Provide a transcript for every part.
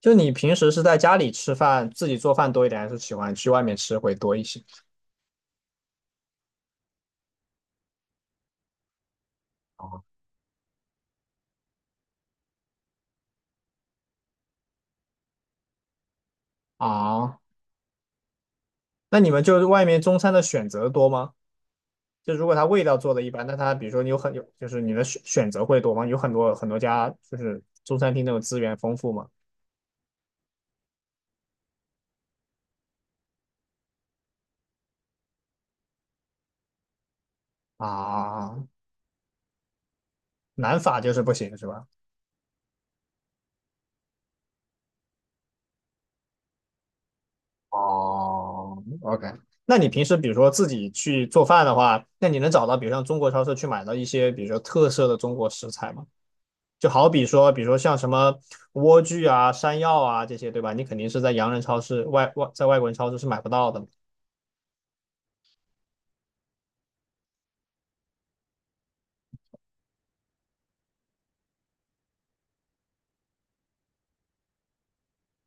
就你平时是在家里吃饭，自己做饭多一点，还是喜欢去外面吃会多一些？哦。啊。那你们就是外面中餐的选择多吗？就如果它味道做的一般，那它比如说你有很有，就是你的选择会多吗？有很多很多家就是中餐厅那种资源丰富吗？啊。南法就是不行是吧？哦，OK。那你平时比如说自己去做饭的话，那你能找到比如像中国超市去买到一些比如说特色的中国食材吗？就好比说，比如说像什么莴苣啊、山药啊这些，对吧？你肯定是在洋人超市、外在外国人超市是买不到的。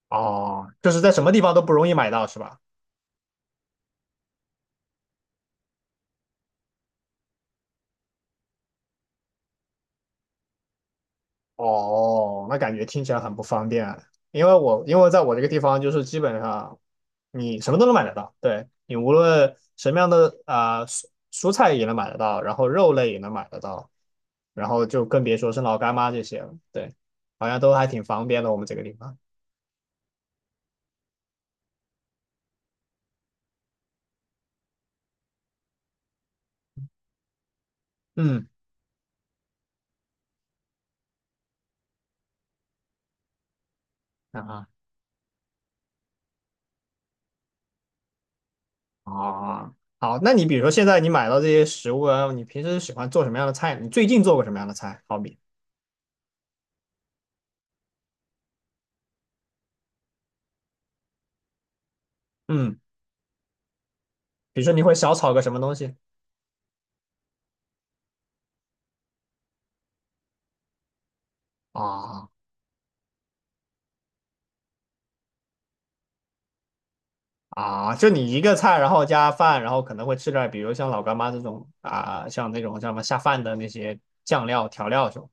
哦，就是在什么地方都不容易买到，是吧？哦，那感觉听起来很不方便，因为因为在我这个地方，就是基本上你什么都能买得到，对你无论什么样的蔬菜也能买得到，然后肉类也能买得到，然后就更别说是老干妈这些了，对，好像都还挺方便的，我们这个地方。嗯。啊。啊，好，那你比如说现在你买到这些食物啊，你平时喜欢做什么样的菜？你最近做过什么样的菜？好比，嗯，比如说你会小炒个什么东西？啊啊，就你一个菜，然后加饭，然后可能会吃点儿比如像老干妈这种啊，像那种叫什么下饭的那些酱料调料什么。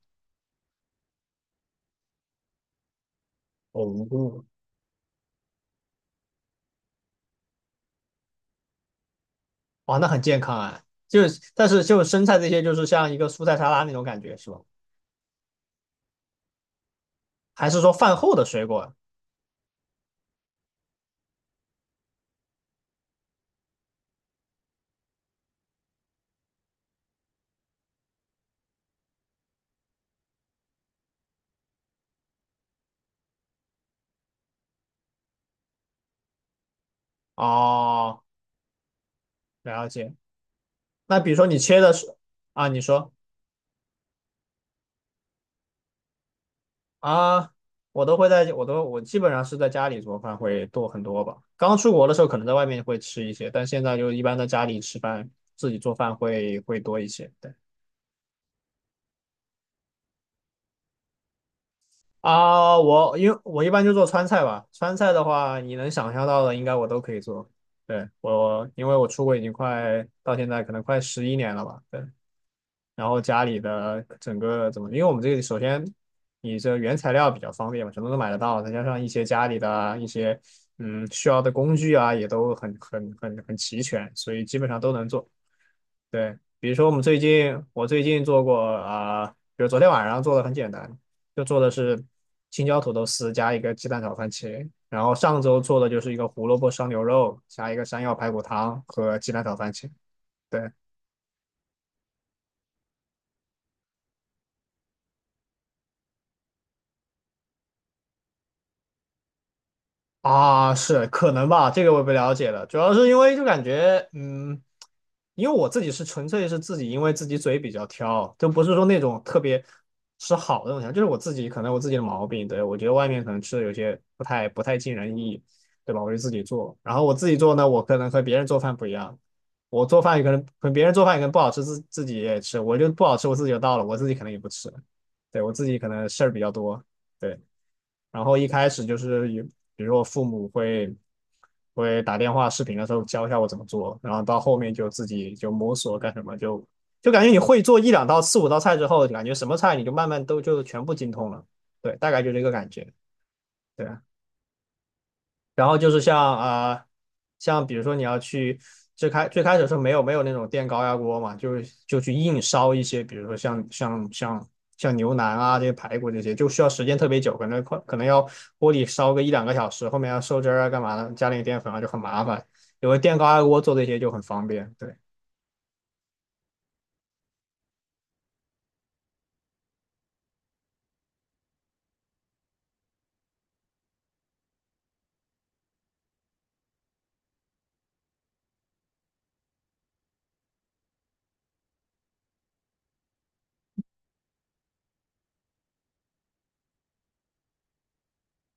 哦。哇，那很健康啊。就是但是就生菜这些，就是像一个蔬菜沙拉那种感觉是吧？还是说饭后的水果啊？哦，了解。那比如说你切的是。啊，你说。啊，我都会在，我都我基本上是在家里做饭会多很多吧。刚出国的时候可能在外面会吃一些，但现在就一般在家里吃饭，自己做饭会多一些。对。啊，因为我一般就做川菜吧，川菜的话你能想象到的应该我都可以做。对，因为我出国已经快到现在可能快11年了吧，对，然后家里的整个怎么，因为我们这个首先你这原材料比较方便嘛，什么都买得到，再加上一些家里的一些需要的工具啊，也都很齐全，所以基本上都能做。对，比如说我最近做过比如昨天晚上做的很简单，就做的是青椒土豆丝加一个鸡蛋炒番茄，然后上周做的就是一个胡萝卜烧牛肉加一个山药排骨汤和鸡蛋炒番茄。对。啊，是可能吧，这个我也不了解了。主要是因为就感觉，因为我自己是纯粹是自己，因为自己嘴比较挑，就不是说那种特别吃好的东西啊就是我自己可能我自己的毛病。对，我觉得外面可能吃的有些不太尽人意，对吧？我就自己做，然后我自己做呢，我可能和别人做饭不一样，我做饭也可能和别人做饭也可能不好吃，自己也吃，我就不好吃我自己就倒了，我自己可能也不吃，对，我自己可能事儿比较多。对。然后一开始就是有，比如我父母会打电话视频的时候教一下我怎么做，然后到后面就自己就摸索干什么，就感觉你会做一两道、四五道菜之后，感觉什么菜你就慢慢都就全部精通了，对，大概就这个感觉，对。然后就是像比如说你要去最开始的时候没有那种电高压锅嘛，就是就去硬烧一些，比如说像牛腩啊这些排骨这些，就需要时间特别久，可能要锅里烧个一两个小时，后面要收汁儿啊干嘛的，加点淀粉啊就很麻烦。有个电高压锅做这些就很方便，对。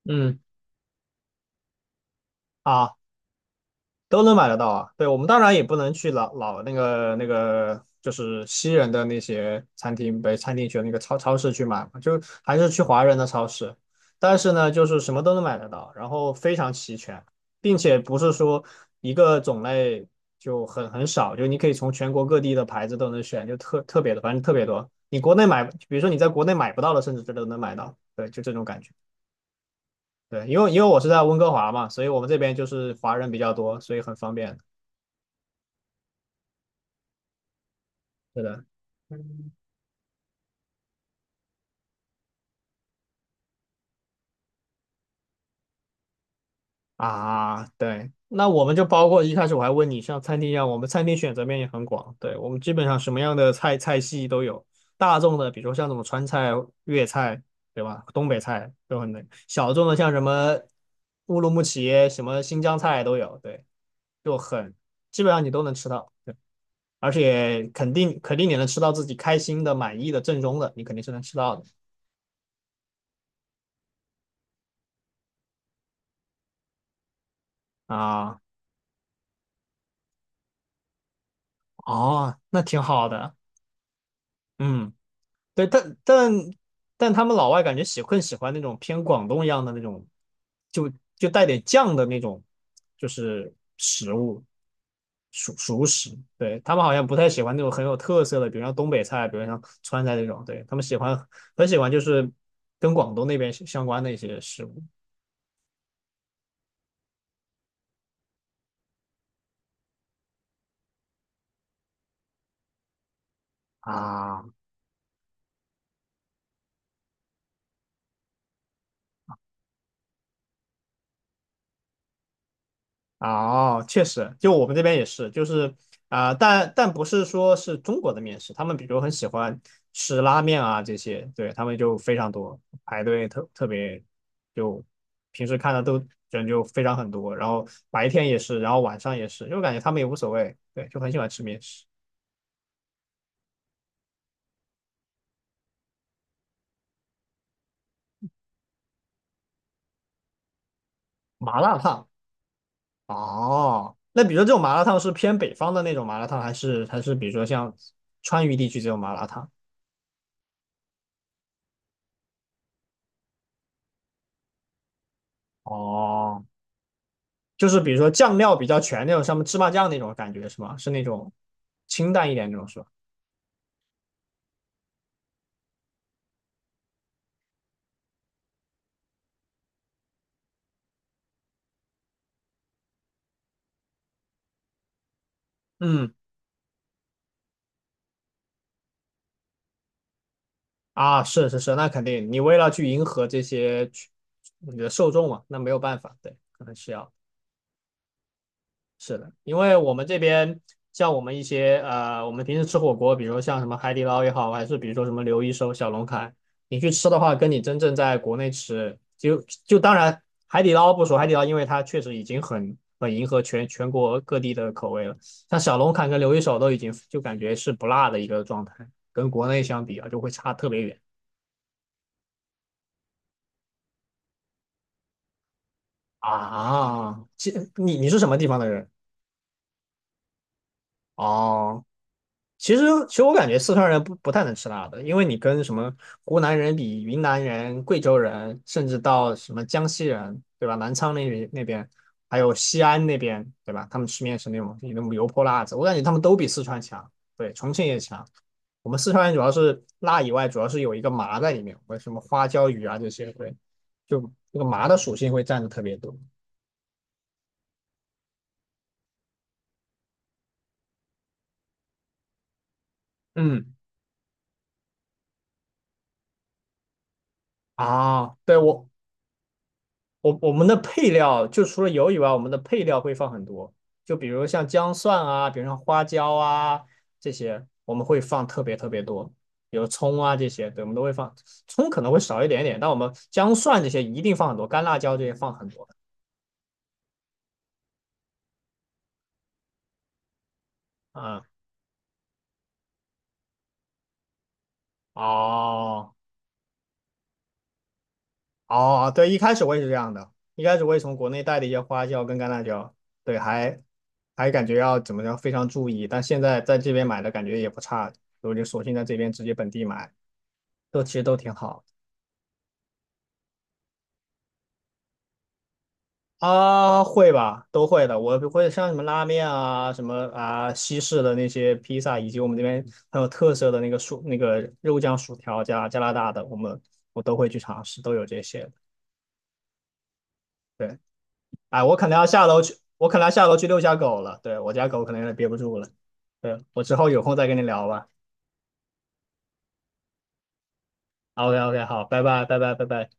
嗯。啊。都能买得到啊。对，我们当然也不能去那个，就是西人的那些餐厅，北餐厅去那个超市去买嘛，就还是去华人的超市。但是呢，就是什么都能买得到，然后非常齐全，并且不是说一个种类就很少，就你可以从全国各地的牌子都能选，就特别的，反正特别多。你国内买，比如说你在国内买不到的，甚至这都能买到。对，就这种感觉。对，因为我是在温哥华嘛，所以我们这边就是华人比较多，所以很方便。是的。嗯。啊，对，那我们就包括一开始我还问你，像餐厅一样，我们餐厅选择面也很广，对，我们基本上什么样的菜系都有，大众的，比如说像什么川菜、粤菜，对吧？东北菜都很能，小众的像什么乌鲁木齐、什么新疆菜都有，对，就很基本上你都能吃到，对，而且肯定你能吃到自己开心的、满意的、正宗的，你肯定是能吃到的啊。哦，那挺好的，嗯。对，但他们老外感觉更喜欢那种偏广东一样的那种，就就带点酱的那种，就是食物熟食。对，他们好像不太喜欢那种很有特色的，比如像东北菜，比如像川菜这种。对，他们很喜欢就是跟广东那边相关的一些食物啊。哦，确实，就我们这边也是，就是但不是说是中国的面食，他们比如很喜欢吃拉面啊这些，对，他们就非常多，排队特别，就平时看的都人就非常很多，然后白天也是，然后晚上也是，就感觉他们也无所谓，对，就很喜欢吃面食，麻辣烫。哦，那比如说这种麻辣烫是偏北方的那种麻辣烫，还是比如说像川渝地区这种麻辣烫？哦，就是比如说酱料比较全那种，像芝麻酱那种感觉是吗？是那种清淡一点那种是吧？嗯，啊，是是是，那肯定，你为了去迎合这些你的受众嘛，那没有办法，对，可能是要。是的，因为我们这边像我们一些呃，我们平时吃火锅，比如像什么海底捞也好，还是比如说什么刘一手、小龙坎，你去吃的话，跟你真正在国内吃，就当然海底捞不说，海底捞因为它确实已经很迎合全国各地的口味了，像小龙坎跟刘一手都已经就感觉是不辣的一个状态，跟国内相比啊，就会差特别远啊。这你是什么地方的人？哦，其实，其实我感觉四川人不太能吃辣的，因为你跟什么湖南人比、云南人、贵州人，甚至到什么江西人，对吧？南昌那边，还有西安那边，对吧？他们吃面是那种油泼辣子，我感觉他们都比四川强，对，重庆也强。我们四川人主要是辣以外，主要是有一个麻在里面，或者什么花椒鱼啊这些，对，就这个麻的属性会占的特别多。嗯。啊，对我。我们的配料就除了油以外，我们的配料会放很多，就比如像姜蒜啊，比如像花椒啊这些，我们会放特别特别多，比如葱啊这些，对，我们都会放。葱可能会少一点点，但我们姜蒜这些一定放很多，干辣椒这些放很多。嗯。哦哦，对，一开始我也是这样的，一开始我也从国内带的一些花椒跟干辣椒，对，还感觉要怎么着非常注意，但现在在这边买的感觉也不差，我就索性在这边直接本地买。都其实都挺好。啊，会吧，都会的。我会像什么拉面啊，什么西式的那些披萨，以及我们这边很有特色的那个薯那个肉酱薯条加拿大的，我都会去尝试，都有这些。对，哎，我可能要下楼去遛下狗了。对，我家狗可能有点憋不住了。对，我之后有空再跟你聊吧。OK OK,好，拜拜拜拜拜拜。